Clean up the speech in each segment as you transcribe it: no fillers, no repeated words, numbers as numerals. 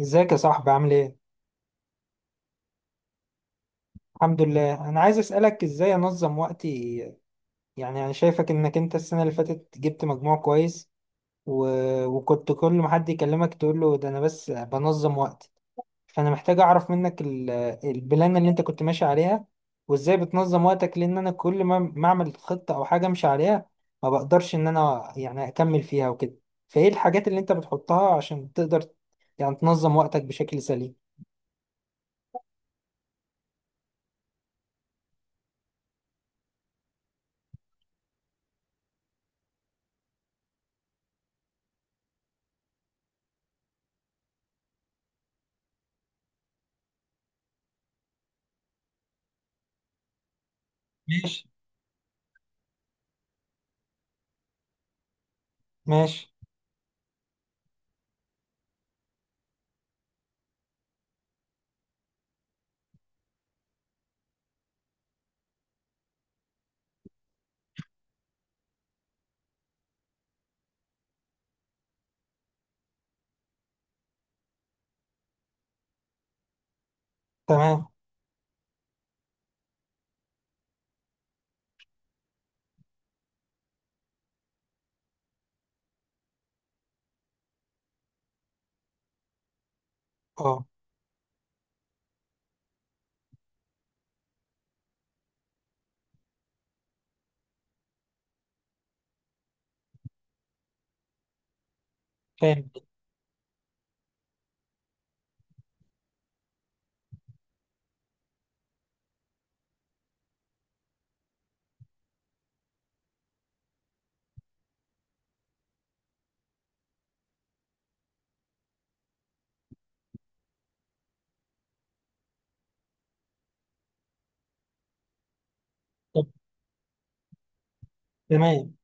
ازيك يا صاحبي عامل ايه؟ الحمد لله، انا عايز اسألك ازاي انظم وقتي. يعني انا شايفك انك انت السنة اللي فاتت جبت مجموع كويس، و... وكنت كل ما حد يكلمك تقول له ده انا بس بنظم وقتي. فانا محتاج اعرف منك البلان اللي انت كنت ماشي عليها، وازاي بتنظم وقتك. لان انا كل ما اعمل خطة او حاجة امشي عليها ما بقدرش ان انا يعني اكمل فيها وكده. فايه الحاجات اللي انت بتحطها عشان تقدر يعني تنظم وقتك بشكل سليم؟ ماشي. تمام. اه، فاهم. طب. تمام.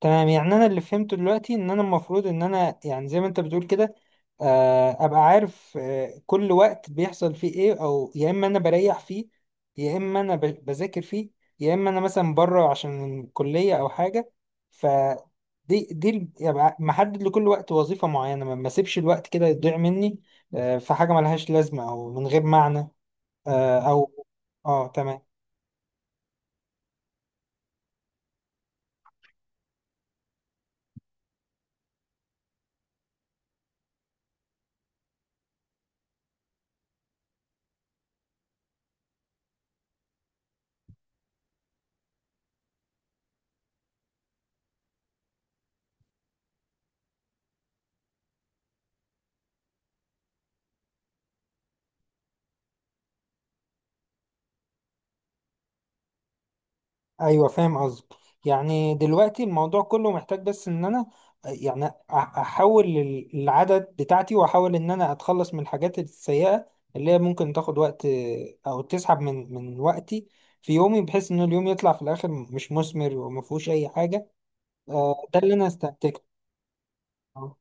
تمام، يعني انا اللي فهمته دلوقتي ان انا المفروض ان انا يعني زي ما انت بتقول كده، ابقى عارف كل وقت بيحصل فيه ايه، او يا اما انا بريح فيه، يا اما انا بذاكر فيه، يا اما انا مثلا بره عشان الكلية او حاجة. ف دي يبقى محدد لكل وقت وظيفة معينة، ما اسيبش الوقت كده يضيع مني في حاجة ملهاش لازمة او من غير معنى، او. اه، تمام. ايوه، فاهم قصدك. يعني دلوقتي الموضوع كله محتاج بس ان انا يعني احول العدد بتاعتي، واحاول ان انا اتخلص من الحاجات السيئة اللي هي ممكن تاخد وقت او تسحب من وقتي في يومي، بحيث ان اليوم يطلع في الاخر مش مثمر وما فيهوش اي حاجة. ده اللي انا استنتجته. آه.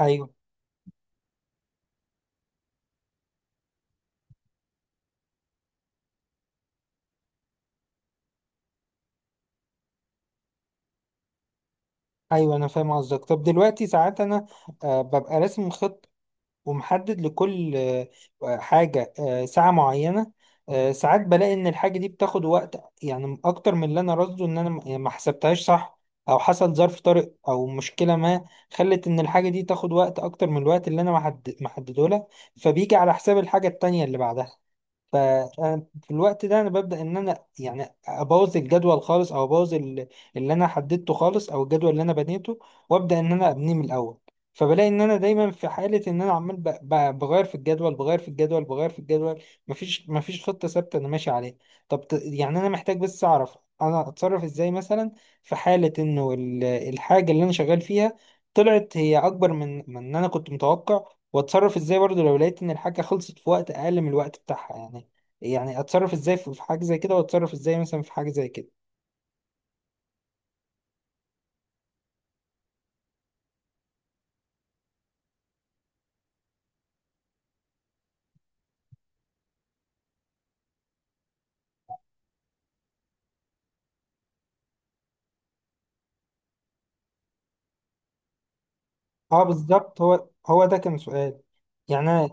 ايوه، ايوه انا فاهم قصدك. طب دلوقتي ساعات انا ببقى راسم خطة ومحدد لكل حاجة ساعة معينة. ساعات بلاقي إن الحاجة دي بتاخد وقت يعني أكتر من اللي أنا راصده، إن أنا يعني ما حسبتهاش صح، أو حصل ظرف طارئ أو مشكلة ما خلت إن الحاجة دي تاخد وقت أكتر من الوقت اللي أنا محدده لها، فبيجي على حساب الحاجة التانية اللي بعدها. ففي الوقت ده انا ببدا ان انا يعني ابوظ الجدول خالص، او ابوظ اللي انا حددته خالص، او الجدول اللي انا بنيته، وابدا ان انا ابنيه من الاول. فبلاقي ان انا دايما في حاله ان انا عمال بغير في الجدول، بغير في الجدول، بغير في الجدول. مفيش خطه ثابته انا ماشي عليها. طب يعني انا محتاج بس اعرف انا اتصرف ازاي مثلا في حاله انه الحاجه اللي انا شغال فيها طلعت هي اكبر من ان انا كنت متوقع، واتصرف ازاي برضو لو لقيت ان الحاجه خلصت في وقت اقل من الوقت بتاعها. يعني يعني اتصرف ازاي في حاجه زي كده، واتصرف ازاي مثلا في حاجه زي كده. اه بالظبط، هو ده كان سؤال. يعني انا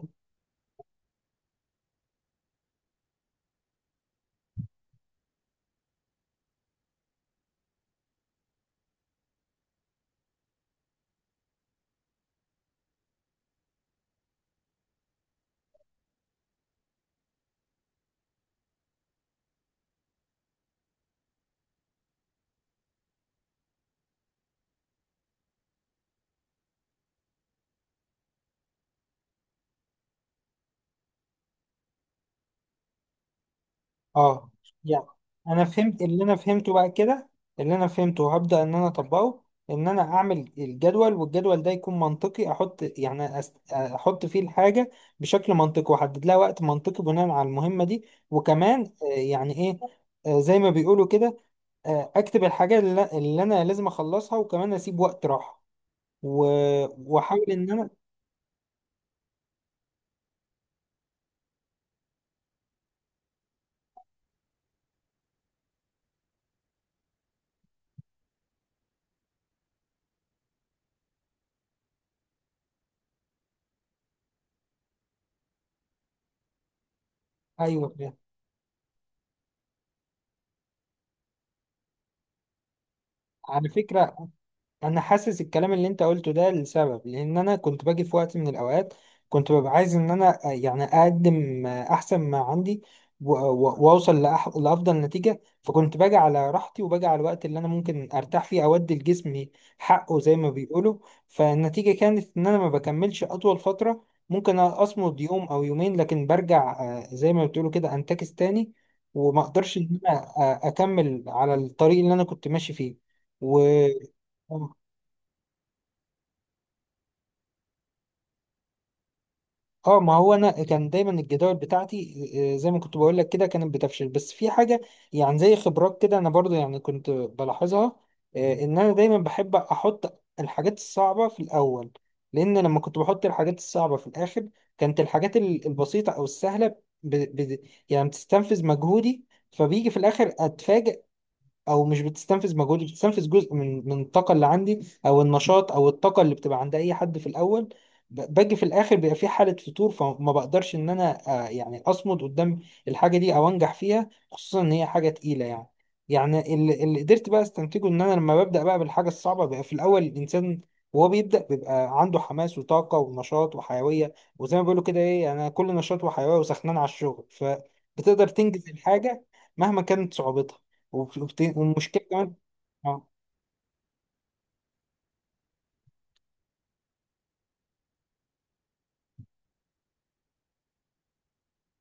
اه، يعني انا فهمت اللي انا فهمته بقى كده. اللي انا فهمته وهبدا ان انا اطبقه، ان انا اعمل الجدول، والجدول ده يكون منطقي. احط يعني احط فيه الحاجه بشكل منطقي، واحدد لها وقت منطقي بناء على المهمه دي. وكمان يعني ايه، زي ما بيقولوا كده، اكتب الحاجه اللي انا لازم اخلصها، وكمان اسيب وقت راحه و- واحاول ان انا. ايوه. على فكره، انا حاسس الكلام اللي انت قلته ده لسبب، لان انا كنت باجي في وقت من الاوقات كنت ببقى عايز ان انا يعني اقدم احسن ما عندي، واوصل لافضل نتيجه. فكنت باجي على راحتي، وباجي على الوقت اللي انا ممكن ارتاح فيه، اودي لجسمي حقه زي ما بيقولوا. فالنتيجه كانت ان انا ما بكملش اطول فتره، ممكن اصمد يوم او يومين لكن برجع زي ما بتقولوا كده انتكس تاني، وما اقدرش ان انا اكمل على الطريق اللي انا كنت ماشي فيه. و. اه، ما هو انا كان دايما الجداول بتاعتي زي ما كنت بقول لك كده كانت بتفشل، بس في حاجه يعني زي خبرات كده انا برضو يعني كنت بلاحظها. ان انا دايما بحب احط الحاجات الصعبه في الاول، لان لما كنت بحط الحاجات الصعبه في الاخر كانت الحاجات البسيطه او السهله ب... ب... يعني بتستنفذ مجهودي، فبيجي في الاخر اتفاجئ. او مش بتستنفذ مجهودي، بتستنفذ جزء من الطاقه اللي عندي، او النشاط او الطاقه اللي بتبقى عند اي حد في الاول. باجي في الاخر بيبقى في حاله فتور، فما بقدرش ان انا يعني اصمد قدام الحاجه دي او انجح فيها، خصوصا ان هي حاجه تقيله يعني. يعني اللي قدرت بقى استنتجه، ان انا لما ببدا بقى بالحاجه الصعبه بقى في الاول، الانسان وهو بيبدا بيبقى عنده حماس وطاقه ونشاط وحيويه، وزي ما بيقولوا كده ايه يعني، انا كل نشاط وحيويه وسخنان على الشغل، فبتقدر تنجز الحاجه مهما كانت صعوبتها. والمشكله كمان. اه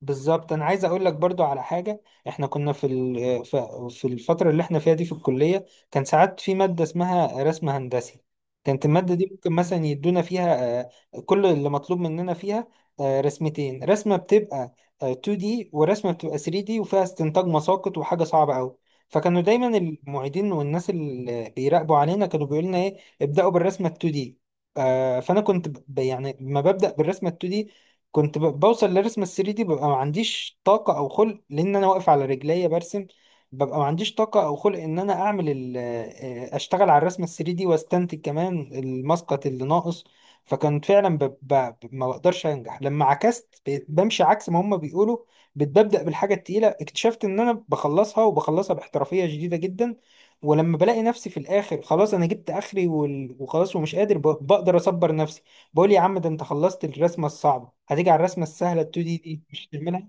بالظبط. انا عايز اقول لك برضو على حاجه. احنا كنا في في الفتره اللي احنا فيها دي في الكليه، كان ساعات في ماده اسمها رسم هندسي. كانت الماده دي ممكن مثلا يدونا فيها كل اللي مطلوب مننا فيها رسمتين: رسمه بتبقى 2D، ورسمه بتبقى 3D وفيها استنتاج مساقط، وحاجه صعبه قوي. فكانوا دايما المعيدين والناس اللي بيراقبوا علينا كانوا بيقولوا لنا ايه: ابداوا بالرسمه ال 2D. فانا كنت يعني ما ببدا بالرسمه ال 2D، كنت بوصل لرسم ال 3D دي ببقى ما عنديش طاقة أو خلق، لأن أنا واقف على رجليا برسم. ببقى ما عنديش طاقة أو خلق إن أنا أعمل أشتغل على الرسم ال 3D دي، وأستنتج كمان المسقط اللي ناقص. فكنت فعلا ما بقدرش أنجح. لما عكست بقيت بمشي عكس ما هما بيقولوا، ببدأ بالحاجة التقيلة، اكتشفت إن أنا بخلصها، وبخلصها باحترافية شديدة جدا. ولما بلاقي نفسي في الآخر خلاص أنا جبت آخري وخلاص ومش قادر بقدر أصبر، بقول يا عم ده انت خلصت الرسمه الصعبه، هتيجي على الرسمه السهله ال 2D دي دي مش هتعملها.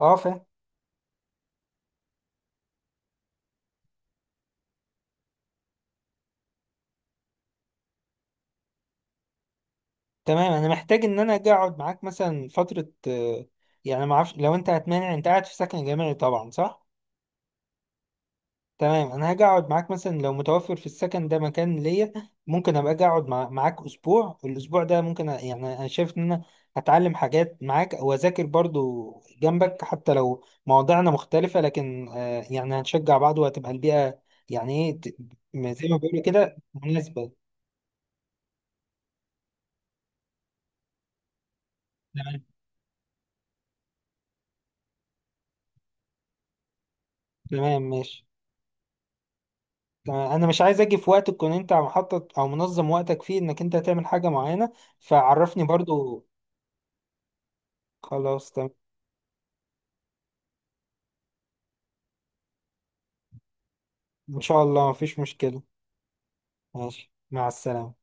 اه، فاهم. تمام، انا محتاج ان انا اجي اقعد معاك مثلا فتره يعني ما اعرفش لو انت هتمانع. انت قاعد في سكن جامعي طبعا، صح؟ تمام، انا هاجي اقعد معاك مثلا لو متوفر في السكن ده مكان ليا. ممكن ابقى اجي اقعد معاك اسبوع. الاسبوع ده ممكن يعني انا شايف ان انا هتعلم حاجات معاك واذاكر برضو جنبك، حتى لو مواضيعنا مختلفة لكن آه، يعني هنشجع بعض، وهتبقى البيئة يعني ايه زي ما بيقولوا كده مناسبة. تمام. تمام ماشي. تمام، انا مش عايز اجي في وقت تكون انت محطط او منظم وقتك فيه انك انت هتعمل حاجة معينة، فعرفني برضو. خلاص تمام. ان شاء الله مفيش مشكلة. ماشي، مع السلامة.